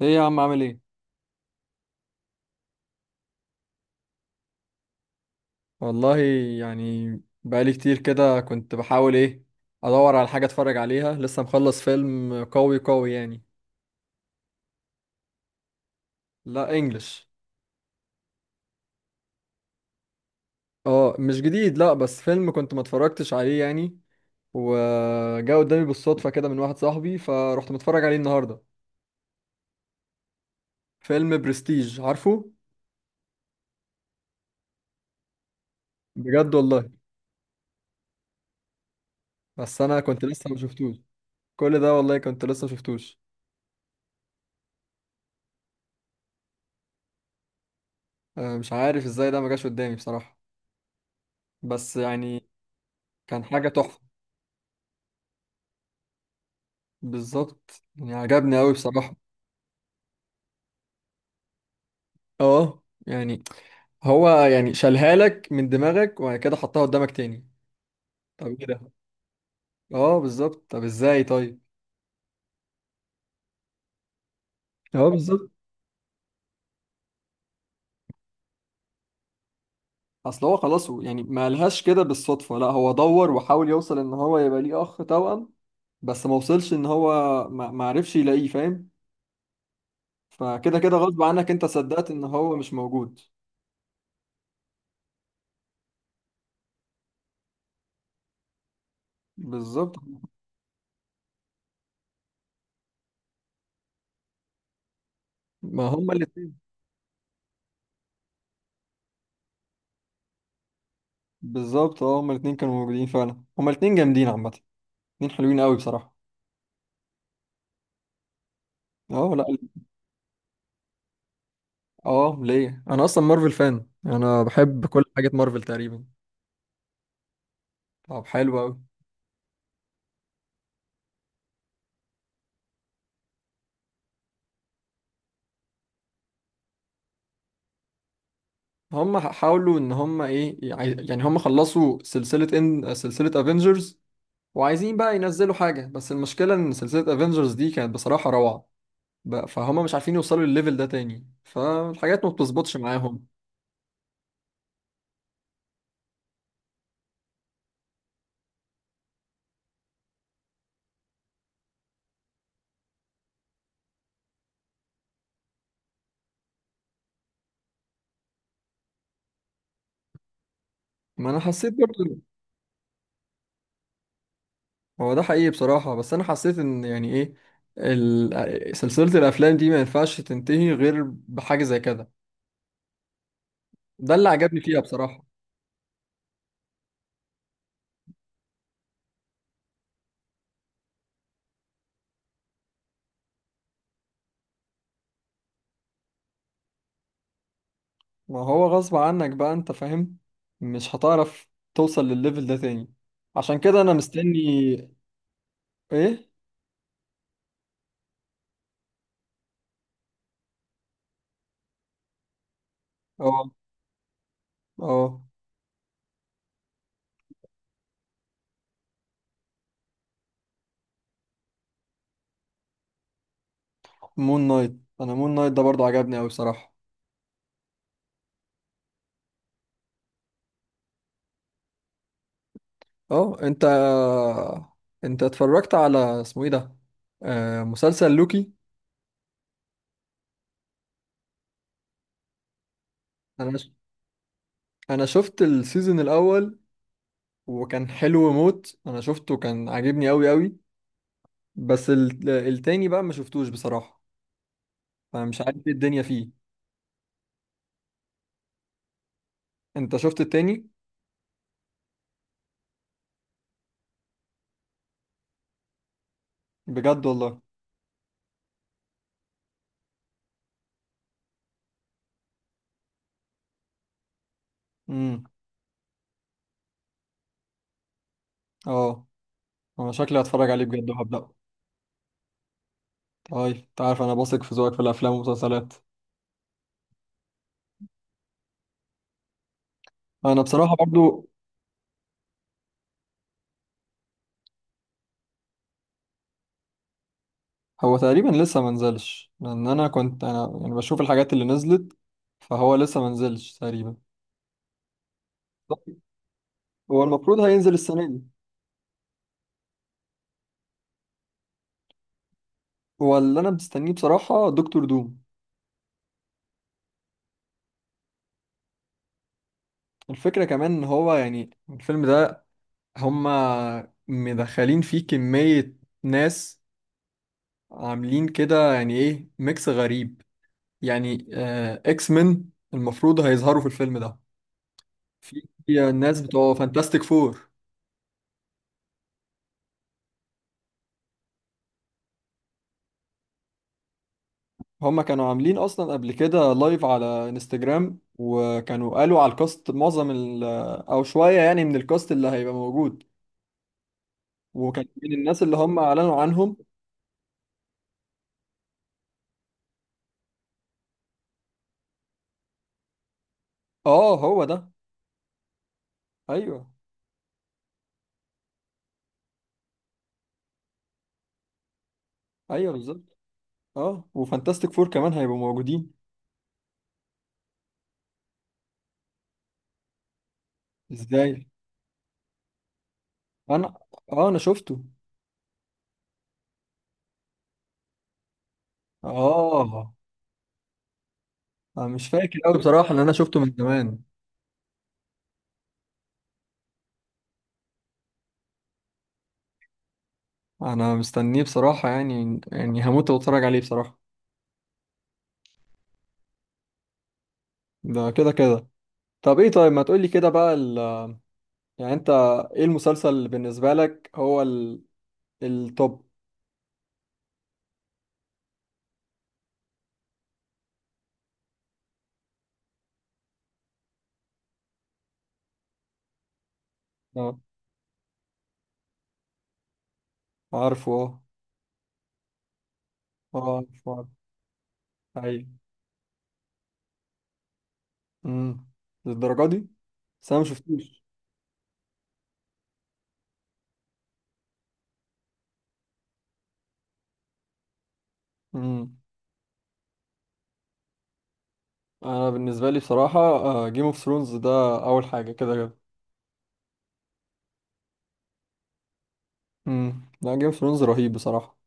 ايه يا عم عامل ايه؟ والله، يعني بقالي كتير كده كنت بحاول ادور على حاجه اتفرج عليها. لسه مخلص فيلم قوي قوي يعني. لا انجلش. اه مش جديد، لا، بس فيلم كنت ما اتفرجتش عليه يعني، وجا قدامي بالصدفه كده من واحد صاحبي، فرحت متفرج عليه النهارده. فيلم برستيج، عارفه؟ بجد والله. بس انا كنت لسه ما شفتوش. كل ده والله كنت لسه ما شفتوش. مش عارف ازاي ده ما جاش قدامي بصراحه، بس يعني كان حاجه تحفه. بالظبط، يعني عجبني قوي بصراحة. اه يعني هو يعني شالها لك من دماغك وبعد كده حطها قدامك تاني. طب ايه ده؟ اه بالظبط، طب ازاي طيب؟ اه بالظبط. اصل هو خلاص، هو يعني ما قالهاش كده بالصدفة، لا هو دور وحاول يوصل ان هو يبقى ليه اخ توأم، بس ما وصلش ان هو ما عرفش يلاقيه، فاهم؟ فكده كده غصب عنك انت صدقت ان هو مش موجود. بالظبط. ما هما الاتنين. بالظبط، اه هما الاتنين كانوا موجودين فعلا، هما الاتنين جامدين عامة، اتنين حلوين قوي بصراحة. اه لا. اه ليه، انا اصلا مارفل فان، انا بحب كل حاجه مارفل تقريبا. طب حلو قوي. هم حاولوا ان هم ايه، يعني هم خلصوا سلسله، ان سلسله افنجرز وعايزين بقى ينزلوا حاجه، بس المشكله ان سلسله افنجرز دي كانت بصراحه روعه بقى، فهم مش عارفين يوصلوا للليفل ده تاني، فالحاجات ما بتظبطش معاهم. ما انا حسيت برضو. هو ده حقيقي بصراحه، بس انا حسيت ان يعني ايه، سلسله الافلام دي ما ينفعش تنتهي غير بحاجه زي كده، ده اللي عجبني فيها بصراحه. ما هو غصب عنك بقى، انت فاهم، مش هتعرف توصل للليفل ده تاني، عشان كده انا مستني. ايه؟ اه. اه مون نايت. انا مون نايت ده برضو عجبني اوي بصراحة. اه انت، انت اتفرجت على اسمه ايه ده، مسلسل لوكي؟ انا ش... انا شفت السيزون الاول وكان حلو موت، انا شفته كان عاجبني اوي اوي، بس التاني بقى ما شفتوش بصراحة، فمش عارف ايه الدنيا فيه. انت شفت التاني؟ بجد والله. اه انا شكلي هتفرج عليه بجد وهبدأه. طيب، انت عارف انا بثق في ذوقك في الافلام والمسلسلات. انا بصراحة برضو. هو تقريبا لسه منزلش، لان انا كنت، انا يعني بشوف الحاجات اللي نزلت، فهو لسه منزلش تقريبا. طيب، هو المفروض هينزل السنة دي. هو اللي انا مستنيه بصراحة دكتور دوم. الفكرة كمان ان هو يعني الفيلم ده هما مدخلين فيه كمية ناس، عاملين كده يعني ايه، ميكس غريب يعني. اكس مين المفروض هيظهروا في الفيلم ده، في الناس بتوع فانتاستيك فور. هما كانوا عاملين اصلا قبل كده لايف على انستجرام وكانوا قالوا على الكاست، معظم ال، او شوية يعني من الكاست اللي هيبقى موجود، وكان من الناس اللي هم اعلنوا عنهم. اه هو ده. ايوه. ايوه بالظبط. اه وفانتاستيك فور كمان هيبقوا موجودين. ازاي؟ انا، اه انا شفته. اه انا مش فاكر قوي بصراحة، ان انا شفته من زمان. انا مستنيه بصراحة، يعني يعني هموت واتفرج عليه بصراحة. ده كده كده. طب ايه طيب، ما تقولي كده بقى يعني انت، ايه المسلسل اللي بالنسبة لك هو التوب؟ اه عارفه اه. عارفه عارفه. ايوه. امم للدرجة دي؟ بس انا ما شفتوش. امم انا بالنسبة لي بصراحة جيم اوف ثرونز ده اول حاجة كده كده. لا جيم اوف ثرونز رهيب بصراحة.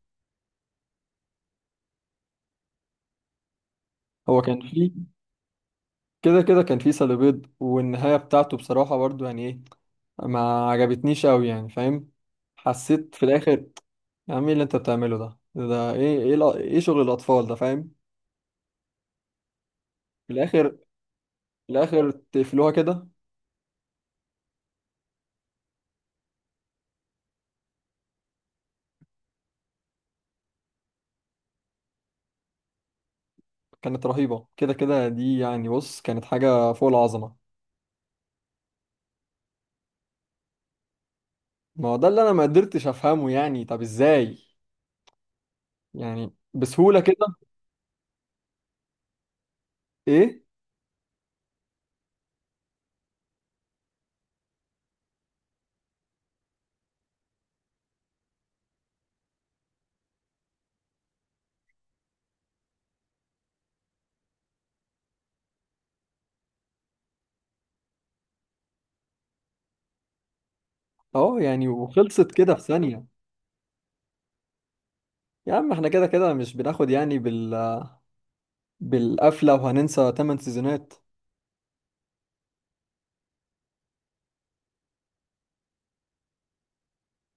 هو كان فيه، كده كده كان فيه سلبيات، والنهاية بتاعته بصراحة برضو يعني ايه، ما عجبتنيش قوي يعني، فاهم؟ حسيت في الاخر، يا عم ايه اللي انت بتعمله ده؟ ده ايه، ايه ايه شغل الاطفال ده، فاهم؟ في الاخر، في الاخر تقفلوها كده. كانت رهيبه، كده كده دي يعني، بص كانت حاجه فوق العظمه. ما هو ده اللي انا ما قدرتش افهمه، يعني طب ازاي؟ يعني بسهوله كده؟ ايه. اه يعني وخلصت كده في ثانيه. يا عم احنا كده كده مش بناخد يعني بال، بالقفله وهننسى 8 سيزونات.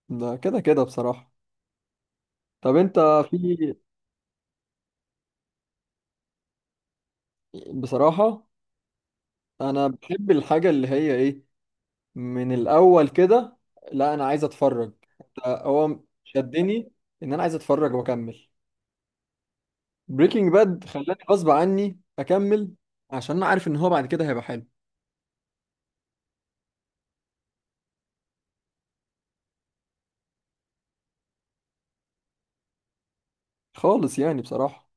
ده كده كده بصراحه. طب انت؟ في، بصراحة، أنا بحب الحاجة اللي هي إيه، من الأول كده، لا أنا عايز أتفرج، هو شدني إن أنا عايز أتفرج وأكمل. بريكنج باد خلاني غصب عني أكمل، عشان أنا عارف إن هو بعد كده هيبقى حلو، خالص يعني بصراحة.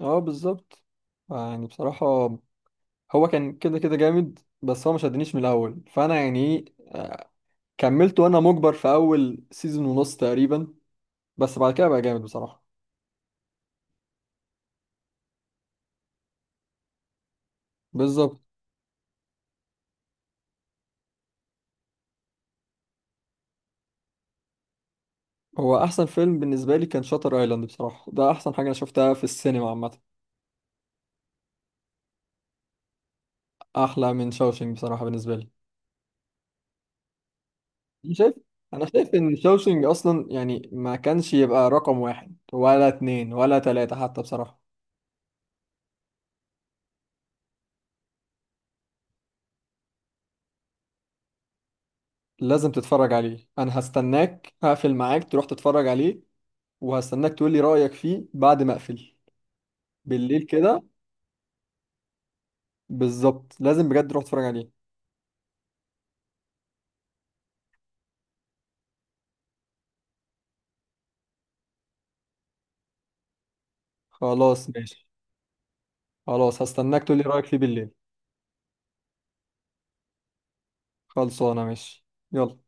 أه بالظبط، يعني بصراحة هو كان كده كده جامد، بس هو ما شدنيش من الأول، فأنا يعني إيه كملت وأنا مجبر في أول سيزون ونص تقريبا، بس بعد كده بقى جامد بصراحة. بالظبط. هو احسن فيلم بالنسبه لي كان شاتر ايلاند بصراحه، ده احسن حاجه انا شفتها في السينما عامه. احلى من شاوشينج بصراحه بالنسبه لي. أنا شايف، انا شايف ان شاوشينج اصلا يعني ما كانش يبقى رقم واحد ولا اتنين ولا تلاته حتى بصراحه. لازم تتفرج عليه، انا هستناك هقفل معاك تروح تتفرج عليه، وهستناك تقول لي رايك فيه بعد ما اقفل. بالليل كده، بالظبط لازم بجد تروح تتفرج عليه. خلاص ماشي. خلاص هستناك تقول لي رايك فيه بالليل. خلصانه ماشي. يلا.